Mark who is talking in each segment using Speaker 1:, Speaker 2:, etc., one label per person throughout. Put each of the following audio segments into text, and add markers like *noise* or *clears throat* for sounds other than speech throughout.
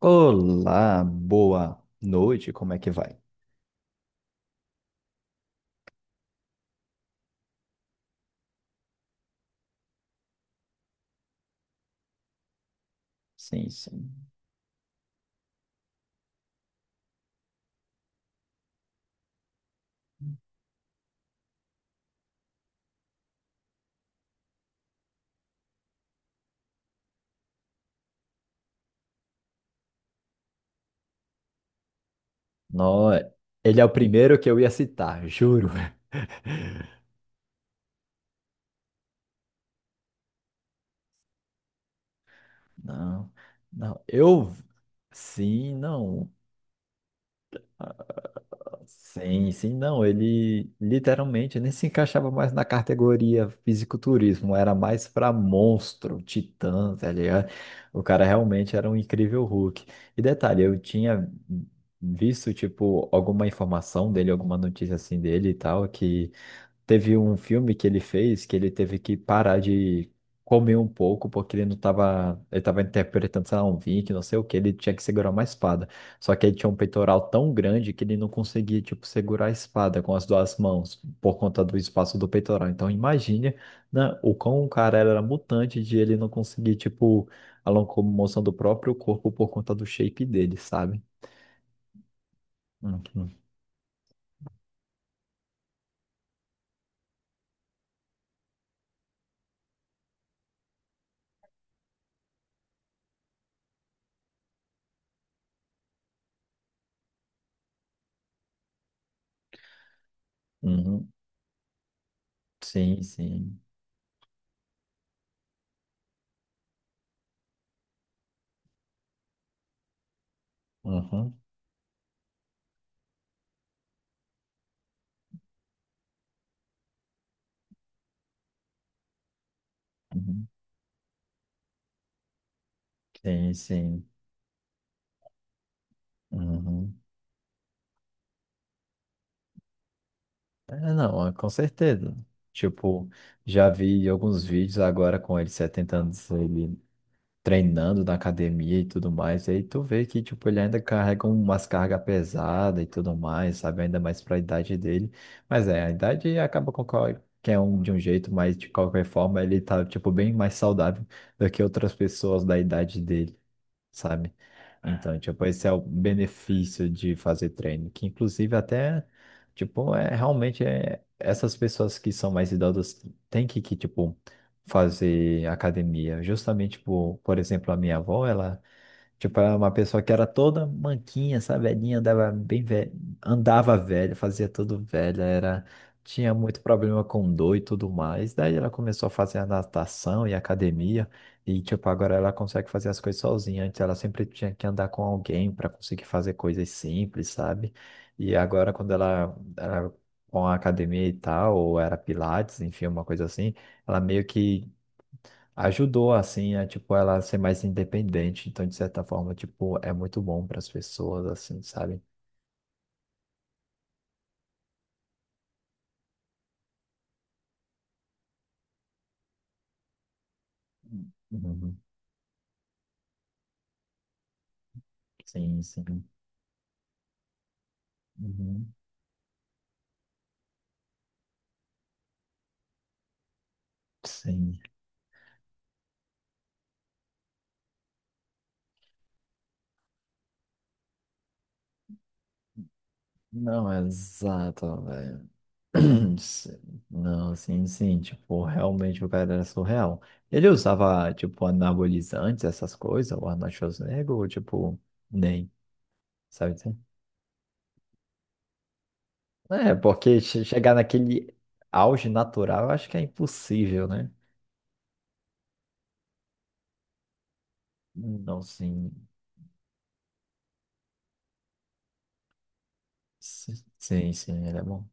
Speaker 1: Olá, boa noite, como é que vai? Sim, sim. Nó- Ele é o primeiro que eu ia citar, *laughs* juro. Não, não, eu. Sim, não. Sim, sim, não. Ele literalmente nem se encaixava mais na categoria fisiculturismo, era mais pra monstro, titã, tá ligado? O cara realmente era um incrível Hulk. E detalhe, eu tinha visto, tipo, alguma informação dele, alguma notícia assim dele e tal, que. Teve um filme que ele fez que ele teve que parar de comer um pouco porque ele não tava, ele tava interpretando, sei lá, um Vink, não sei o que, ele tinha que segurar uma espada. Só que ele tinha um peitoral tão grande que ele não conseguia, tipo, segurar a espada com as duas mãos por conta do espaço do peitoral. Então imagine, né, o quão o cara era mutante de ele não conseguir, tipo, a locomoção do próprio corpo por conta do shape dele, sabe? Uhum. Uhum. Sim, sim. Uhum. Uhum. Sim, sim. Uhum. É, não, é, com certeza. Tipo, já vi alguns vídeos agora com ele 70 anos, ele treinando na academia e tudo mais. E aí tu vê que, tipo, ele ainda carrega umas cargas pesadas e tudo mais, sabe? Ainda mais pra idade dele. Mas é, a idade acaba com qualquer um de um jeito, mas de qualquer forma ele tá, tipo, bem mais saudável do que outras pessoas da idade dele, sabe? Então, tipo, esse é o benefício de fazer treino, que inclusive até, tipo, é realmente é, essas pessoas que são mais idosas têm que, tipo, fazer academia. Justamente, tipo, por exemplo, a minha avó, ela. Tipo, era uma pessoa que era toda manquinha, sabe? Velhinha, andava bem velha, andava velha, fazia tudo velha, era... tinha muito problema com dor e tudo mais. Daí ela começou a fazer a natação e academia, e tipo, agora ela consegue fazer as coisas sozinha. Antes ela sempre tinha que andar com alguém para conseguir fazer coisas simples, sabe? E agora, quando ela era com a academia e tal, ou era Pilates, enfim, uma coisa assim, ela meio que ajudou assim a tipo ela ser mais independente, então de certa forma, tipo, é muito bom para as pessoas assim, sabe? Uhum. Sim, sim. Uhum. Sim. Não, exato, velho. *clears throat* Sim. Não, sim, sim, tipo, realmente o cara era surreal. Ele usava, tipo, anabolizantes, essas coisas, o Arnold Schwarzenegger, ou, tipo, nem, sabe? Assim? É, porque chegar naquele auge natural, eu acho que é impossível, né? Não, sim. Sim, sim, ele é bom.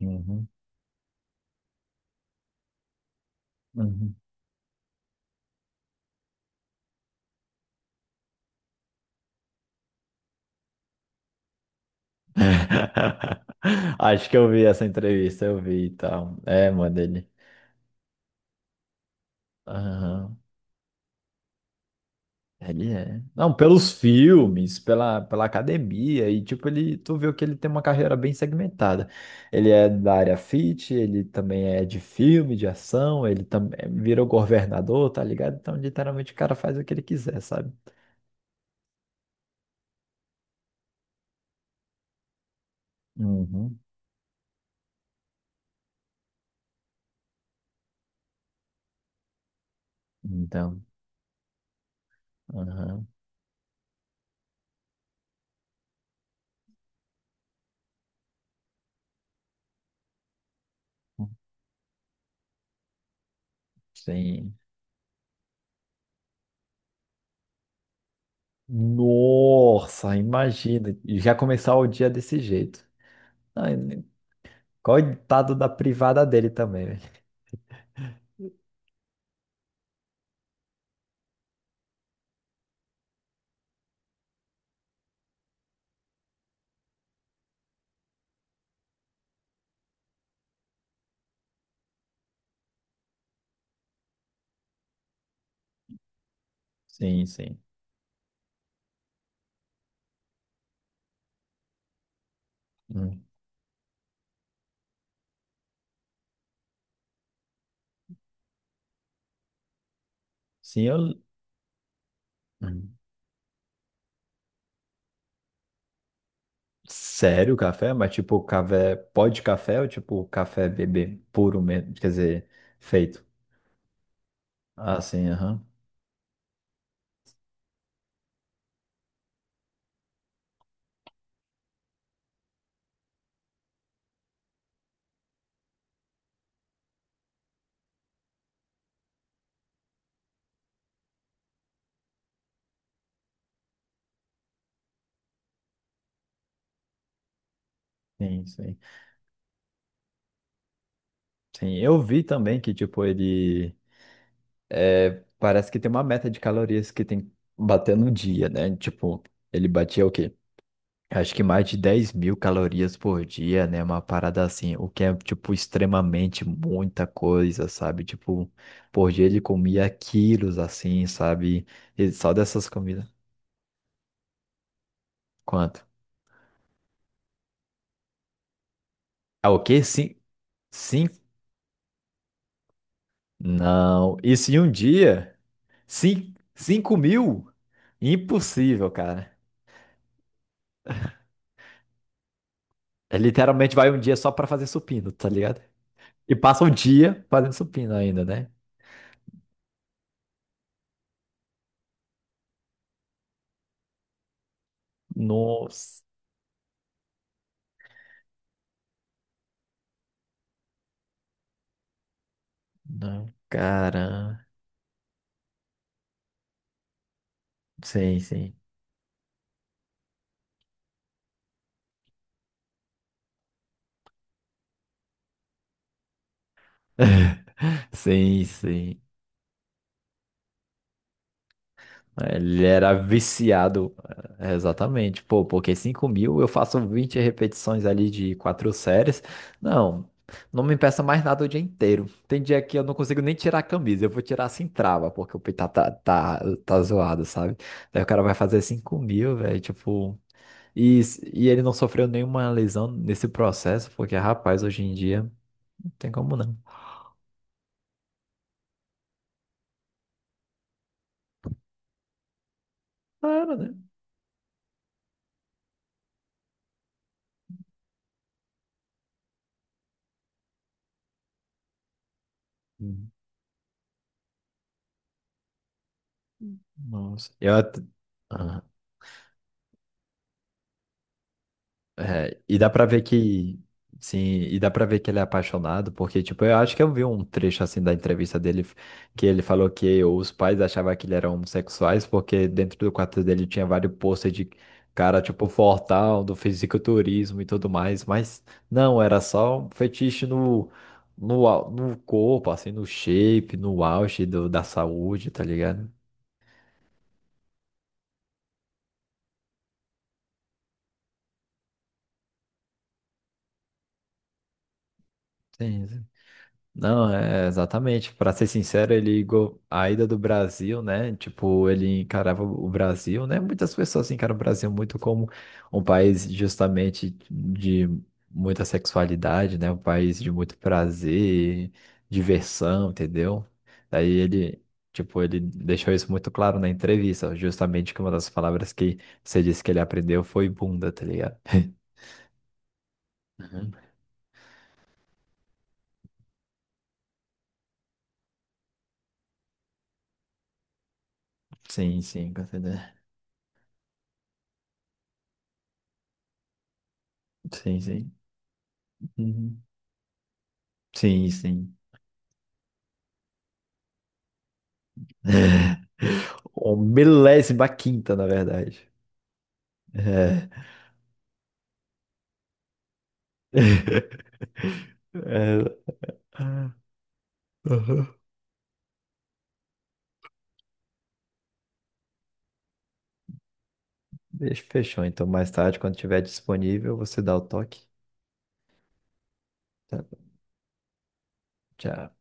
Speaker 1: Uhum, uhum. *laughs* Acho que eu vi essa entrevista, eu vi e tal. É, mano, ele. Aham, ele é. Não, pelos filmes, pela, pela academia, e tipo, ele, tu viu que ele tem uma carreira bem segmentada. Ele é da área fit, ele também é de filme, de ação, ele também virou governador, tá ligado? Então, literalmente, o cara faz o que ele quiser, sabe? Uhum. Então, aham, sim. Nossa, imagina. E já começar o dia desse jeito. Ai, né? Coitado da privada dele também, velho. Sim, sim. Hum. Sim, eu. Hum. Sério, café? Mas tipo, café. Pó de café ou tipo café bebê puro mesmo? Quer dizer, feito. Ah, sim, aham. Sim, sim. Sim, eu vi também que tipo, ele. É, parece que tem uma meta de calorias que tem que bater no dia, né? Tipo, ele batia o quê? Acho que mais de 10.000 calorias por dia, né? Uma parada assim, o que é, tipo, extremamente muita coisa, sabe? Tipo, por dia ele comia quilos, assim, sabe? E só dessas comidas. Quanto? Ah, o quê? Sim, sim? Não. Isso em um dia? Sim, 5 mil? Impossível, cara. É, literalmente vai um dia só pra fazer supino, tá ligado? E passa o dia fazendo supino ainda, né? Nossa. Não, cara. Sim, sim. Sim, sim. Ele era viciado, é, exatamente. Pô, porque 5.000 eu faço 20 repetições ali de 4 séries. Não, não me peça mais nada o dia inteiro. Tem dia que eu não consigo nem tirar a camisa, eu vou tirar sem trava, porque o peito tá zoado, sabe? Daí o cara vai fazer 5.000, velho, tipo. E, e ele não sofreu nenhuma lesão nesse processo, porque, rapaz, hoje em dia não tem como não. Claro, né? Hum, nossa. É, e dá pra ver que. Sim, e dá pra ver que ele é apaixonado, porque, tipo, eu acho que eu vi um trecho assim da entrevista dele, que ele falou que os pais achavam que ele era homossexuais, porque dentro do quarto dele tinha vários posters de cara, tipo, fortão, do fisiculturismo e tudo mais, mas não, era só um fetiche no corpo, assim, no shape, no auge do, da saúde, tá ligado? Sim, sim. Não, é exatamente. Para ser sincero, a ida do Brasil, né? Tipo, ele encarava o Brasil, né? Muitas pessoas encaram o Brasil muito como um país justamente de muita sexualidade, né? Um país de muito prazer, diversão, entendeu? Daí ele, tipo, ele deixou isso muito claro na entrevista, justamente que uma das palavras que você disse que ele aprendeu foi bunda, tá ligado? Uhum. Sim, sim, com certeza. Sim, sim. Uhum. Sim, sim. *laughs* Ou milésima quinta, na verdade. É. *laughs* É. Ah, aham. Deixa, fechou, então mais tarde, quando tiver disponível, você dá o toque. Tá bom, tchau.